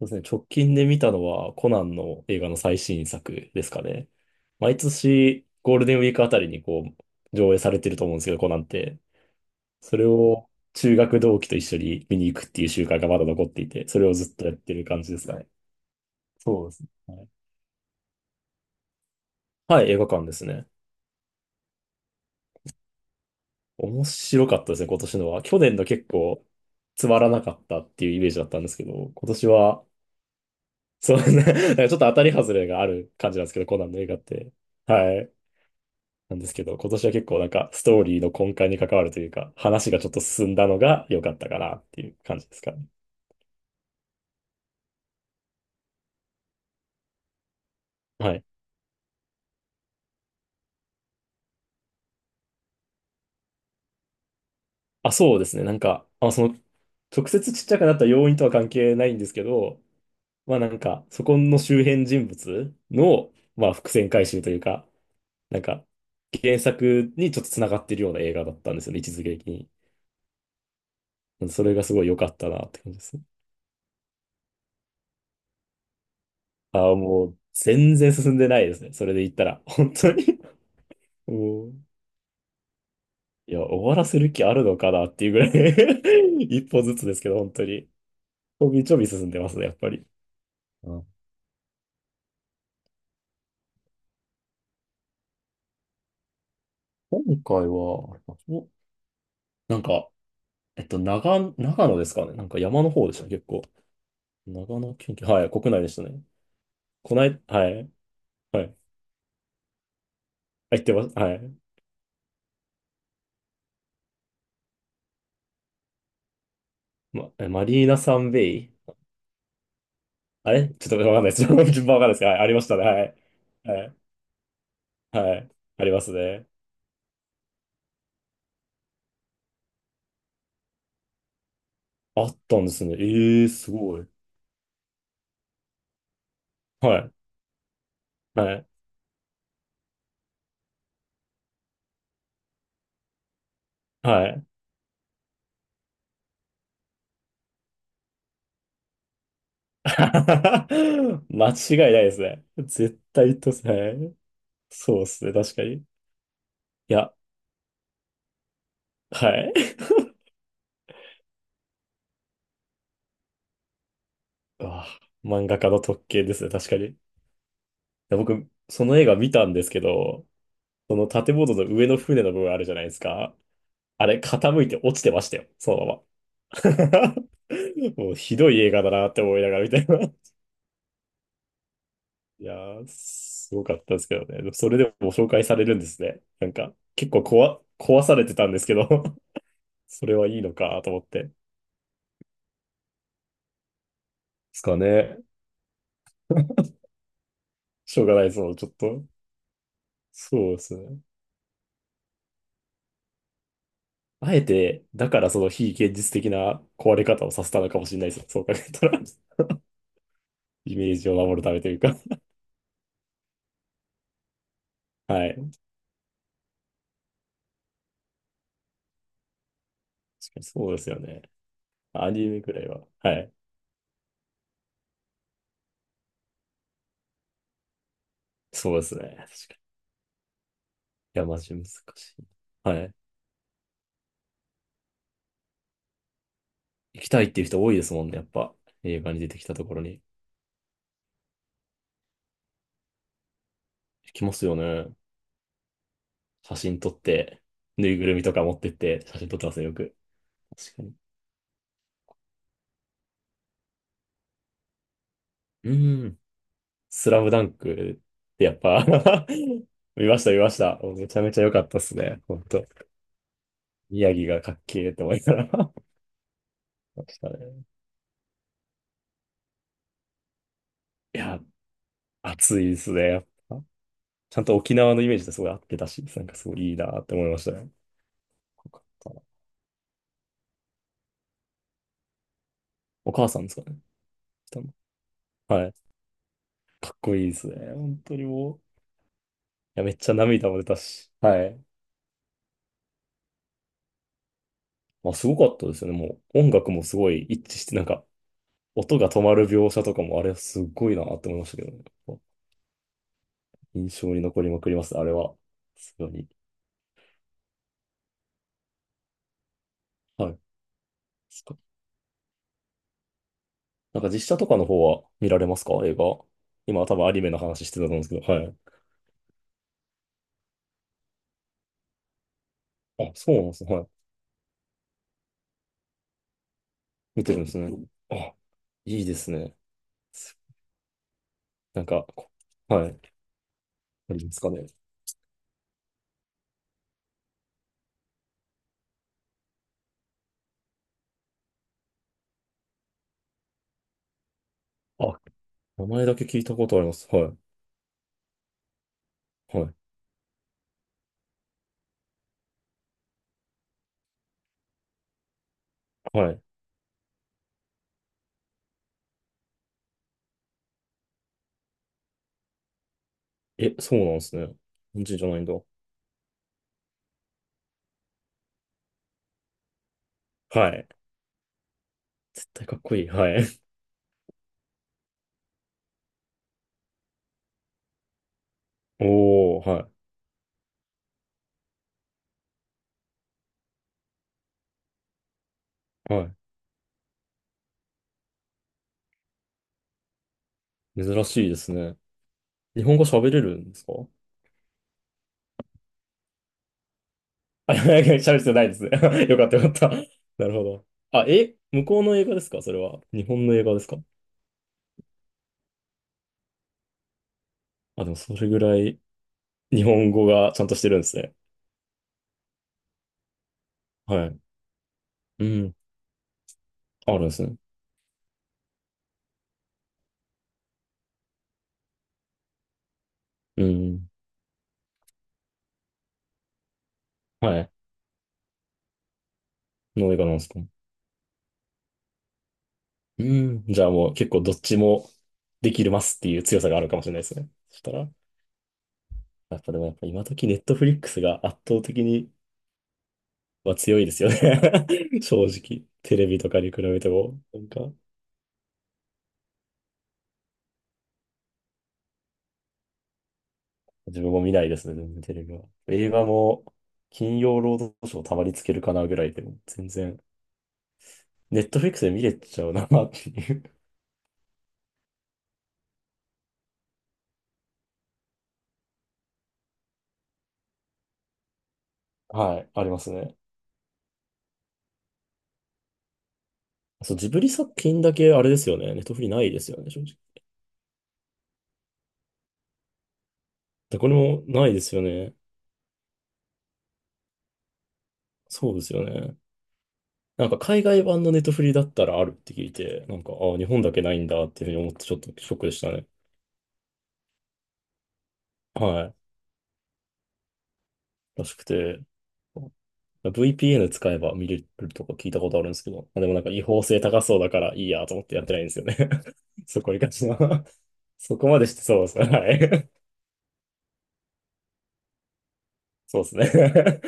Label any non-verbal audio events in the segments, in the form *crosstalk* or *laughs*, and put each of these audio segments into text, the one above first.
そうですね。直近で見たのはコナンの映画の最新作ですかね。毎年ゴールデンウィークあたりにこう上映されてると思うんですけど、コナンって。それを中学同期と一緒に見に行くっていう習慣がまだ残っていて、それをずっとやってる感じですかね。そうですね。はい、はい、映画館ですね。面白かったですね、今年のは。去年の結構つまらなかったっていうイメージだったんですけど、今年は、そうね、*laughs* ちょっと当たり外れがある感じなんですけど、コナンの映画って。はい。なんですけど、今年は結構ストーリーの根幹に関わるというか、話がちょっと進んだのが良かったかなっていう感じですかね。はい。あ、そうですね。直接ちっちゃくなった要因とは関係ないんですけど、そこの周辺人物の、まあ伏線回収というか、なんか、原作にちょっと繋がってるような映画だったんですよね、位置づけ的に。それがすごい良かったなって感じですね。あ、もう、全然進んでないですね。それで言ったら、本当に。*laughs* もういや、終わらせる気あるのかなっていうぐらい、 *laughs* 一歩ずつですけど、本当に。ちょびちょび進んでますね、やっぱり。うん。今回は、お、なんか、長野ですかね。なんか山の方でしたね、結構。長野県警、はい、国内でしたね。こない、はい、はい。入ってます、はい。ま、えマリーナサンベイ。あれちょっとわかんないです。*laughs* 順番わかんないですけど、はい、ありましたね。はい。はい。はい。ありますね。あったんですね。ええー、すごい。はい。はい。はい。*laughs* 間違いないですね。絶対とさ、そうですね、確かに。いや、はい。*laughs* うわ、漫画家の特権ですね、確かに。いや僕、その映画見たんですけど、その建物の上の船の部分あるじゃないですか。あれ、傾いて落ちてましたよ、そのまま。*laughs* もうひどい映画だなって思いながら見たいな。いやー、すごかったですけどね。でもそれでも紹介されるんですね。結構こわ、壊されてたんですけど、 *laughs* それはいいのかと思って。すかね。しょうがない、その、ちょっと。そうですね。あえて、だからその非現実的な壊れ方をさせたのかもしれないです。そう考えたら。 *laughs* イメージを守るためというか。はい。確かにそうですよね。アニメくらいは。はい。そうですね。確かに。いや、マジ難しい。はい。行きたいっていう人多いですもんね、やっぱ。映画に出てきたところに。行きますよね。写真撮って、ぬいぐるみとか持ってって、写真撮ってますね、よく。確かに。うーん。スラムダンクってやっぱ。 *laughs* 見ました、見ました。もうめちゃめちゃ良かったっすね。本当。宮城がかっけーって思いながら、 *laughs* 見ましたね。いや、熱いですね、やっぱ。ちゃんと沖縄のイメージとすごい合ってたし、すごいいいなって思いましたね。よかったな。お母さんですかね。来たの、はい。かっこいいですね。本当にもう。いや、めっちゃ涙も出たし。はい。まあ、すごかったですよね。もう音楽もすごい一致して、音が止まる描写とかも、あれすごいなって思いましたけどね。印象に残りまくりますね、あれは。さすがに。はい。そっか。実写とかの方は見られますか映画。今多分アニメの話してたと思うんですけど、はい。あ、そうなんですね。はい。見てるんですね。あ、いいですね。なんか、こはい。ありますかね。あ、名前だけ聞いたことあります。はい。はい。はい。え、そうなんですね。日本人じゃないんだ。はい。絶対かっこいい。はい。*laughs* おー、はい。はい。珍しいですね。日本語喋れるんですか？あ、いやいや喋る必要ないです。*laughs* よかったよかった。なるほど。あ、え、向こうの映画ですかそれは。日本の映画ですか？あ、でもそれぐらい日本語がちゃんとしてるんですね。はい。うん。あるんですね。うん。はい。の映画なんですか？うん。じゃあもう結構どっちもできるますっていう強さがあるかもしれないですね。そしたら、やっぱでもやっぱ今時ネットフリックスが圧倒的には強いですよね。 *laughs* 正直。テレビとかに比べても。自分も見ないですね、全然テレビは。映画も、金曜ロードショーたまにつけるかなぐらいでも、全然、ネットフリックスで見れちゃうなっていう。 *laughs* はい、ありますね。そう、ジブリ作品だけあれですよね。ネットフリないですよね、正直。で、これもないですよね。そうですよね。なんか海外版のネットフリだったらあるって聞いて、ああ、日本だけないんだっていうふうに思ってちょっとショックでしたね。はい。らしくて。VPN 使えば見れるとか聞いたことあるんですけど、まあでも違法性高そうだからいいやと思ってやってないんですよね。*laughs* そこに関しては、 *laughs* そこまでしてそうですね。はい。*laughs* そうですね。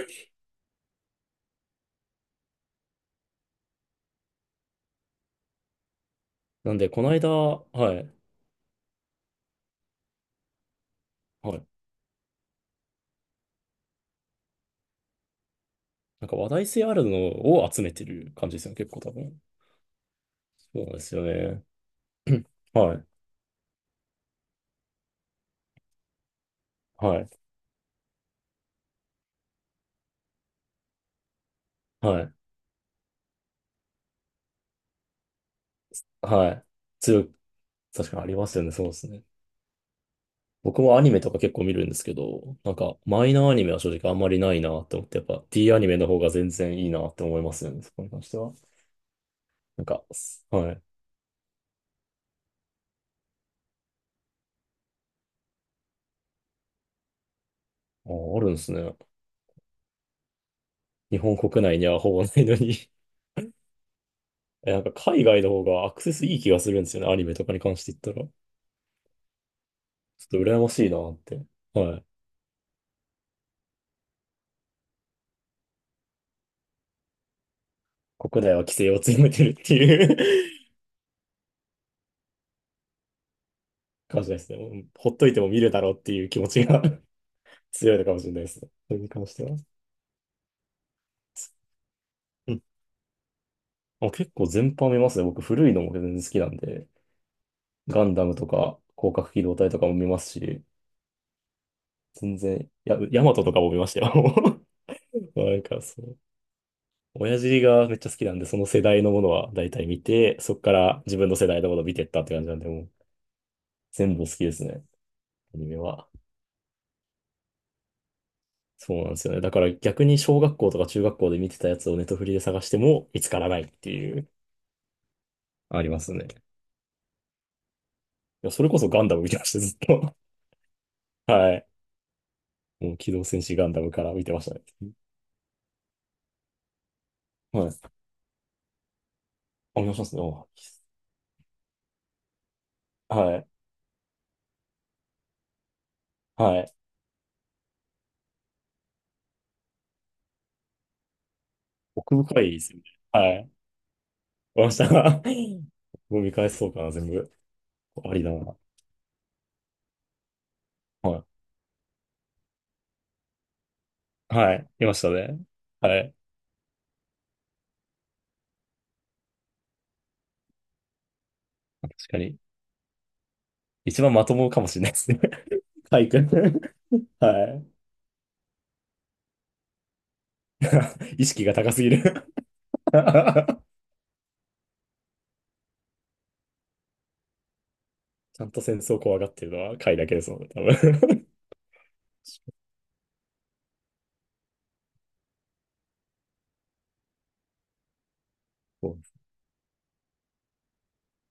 *laughs* なんで、この間、はい。はい。なんか話題性あるのを集めてる感じですよね。結構多分。そうなんですよね。*clears throat* はい。はい。はい。はい。強い。確かにありますよね。そうですね。僕もアニメとか結構見るんですけど、マイナーアニメは正直あんまりないなって思って、やっぱ D アニメの方が全然いいなって思いますよね、そこに関しては。はい。あ、あるんですね。日本国内にはほぼないのに。 *laughs* え、海外の方がアクセスいい気がするんですよね、アニメとかに関して言ったら。ちょっと羨ましいなって。はい。国内は規制を強めてるっていう。 *laughs* 感じですね。もうほっといても見るだろうっていう気持ちが、 *laughs* 強いのかもしれないですね。それに関しては。あ、結構全般見ますね。僕古いのも全然好きなんで、ガンダムとか、攻殻機動隊とかも見ますし、全然、や、ヤマトとかも見ましたよ。*laughs* なんかそう。親父がめっちゃ好きなんで、その世代のものは大体見て、そこから自分の世代のものを見てったって感じなんで、もう全部好きですね。アニメは。そうなんですよね。だから逆に小学校とか中学校で見てたやつをネットフリで探しても見つからないっていう、ありますね。いや、それこそガンダム見てました、ずっと。*laughs* はい。もう機動戦士ガンダムから見てましたね。はい。あお願いしますね。お、いいっす、はい。はい。奥深いですよね。はい。わかりました。*laughs* もう見返そうかな、全部。ありだな。はい。はい。いましたね。はい。確かに。一番まともかもしれないですね。*laughs* カイ君。はい。意識が高すぎる。 *laughs* ちゃんと戦争怖がってるのはカイだけですもんね、多分。*laughs* そう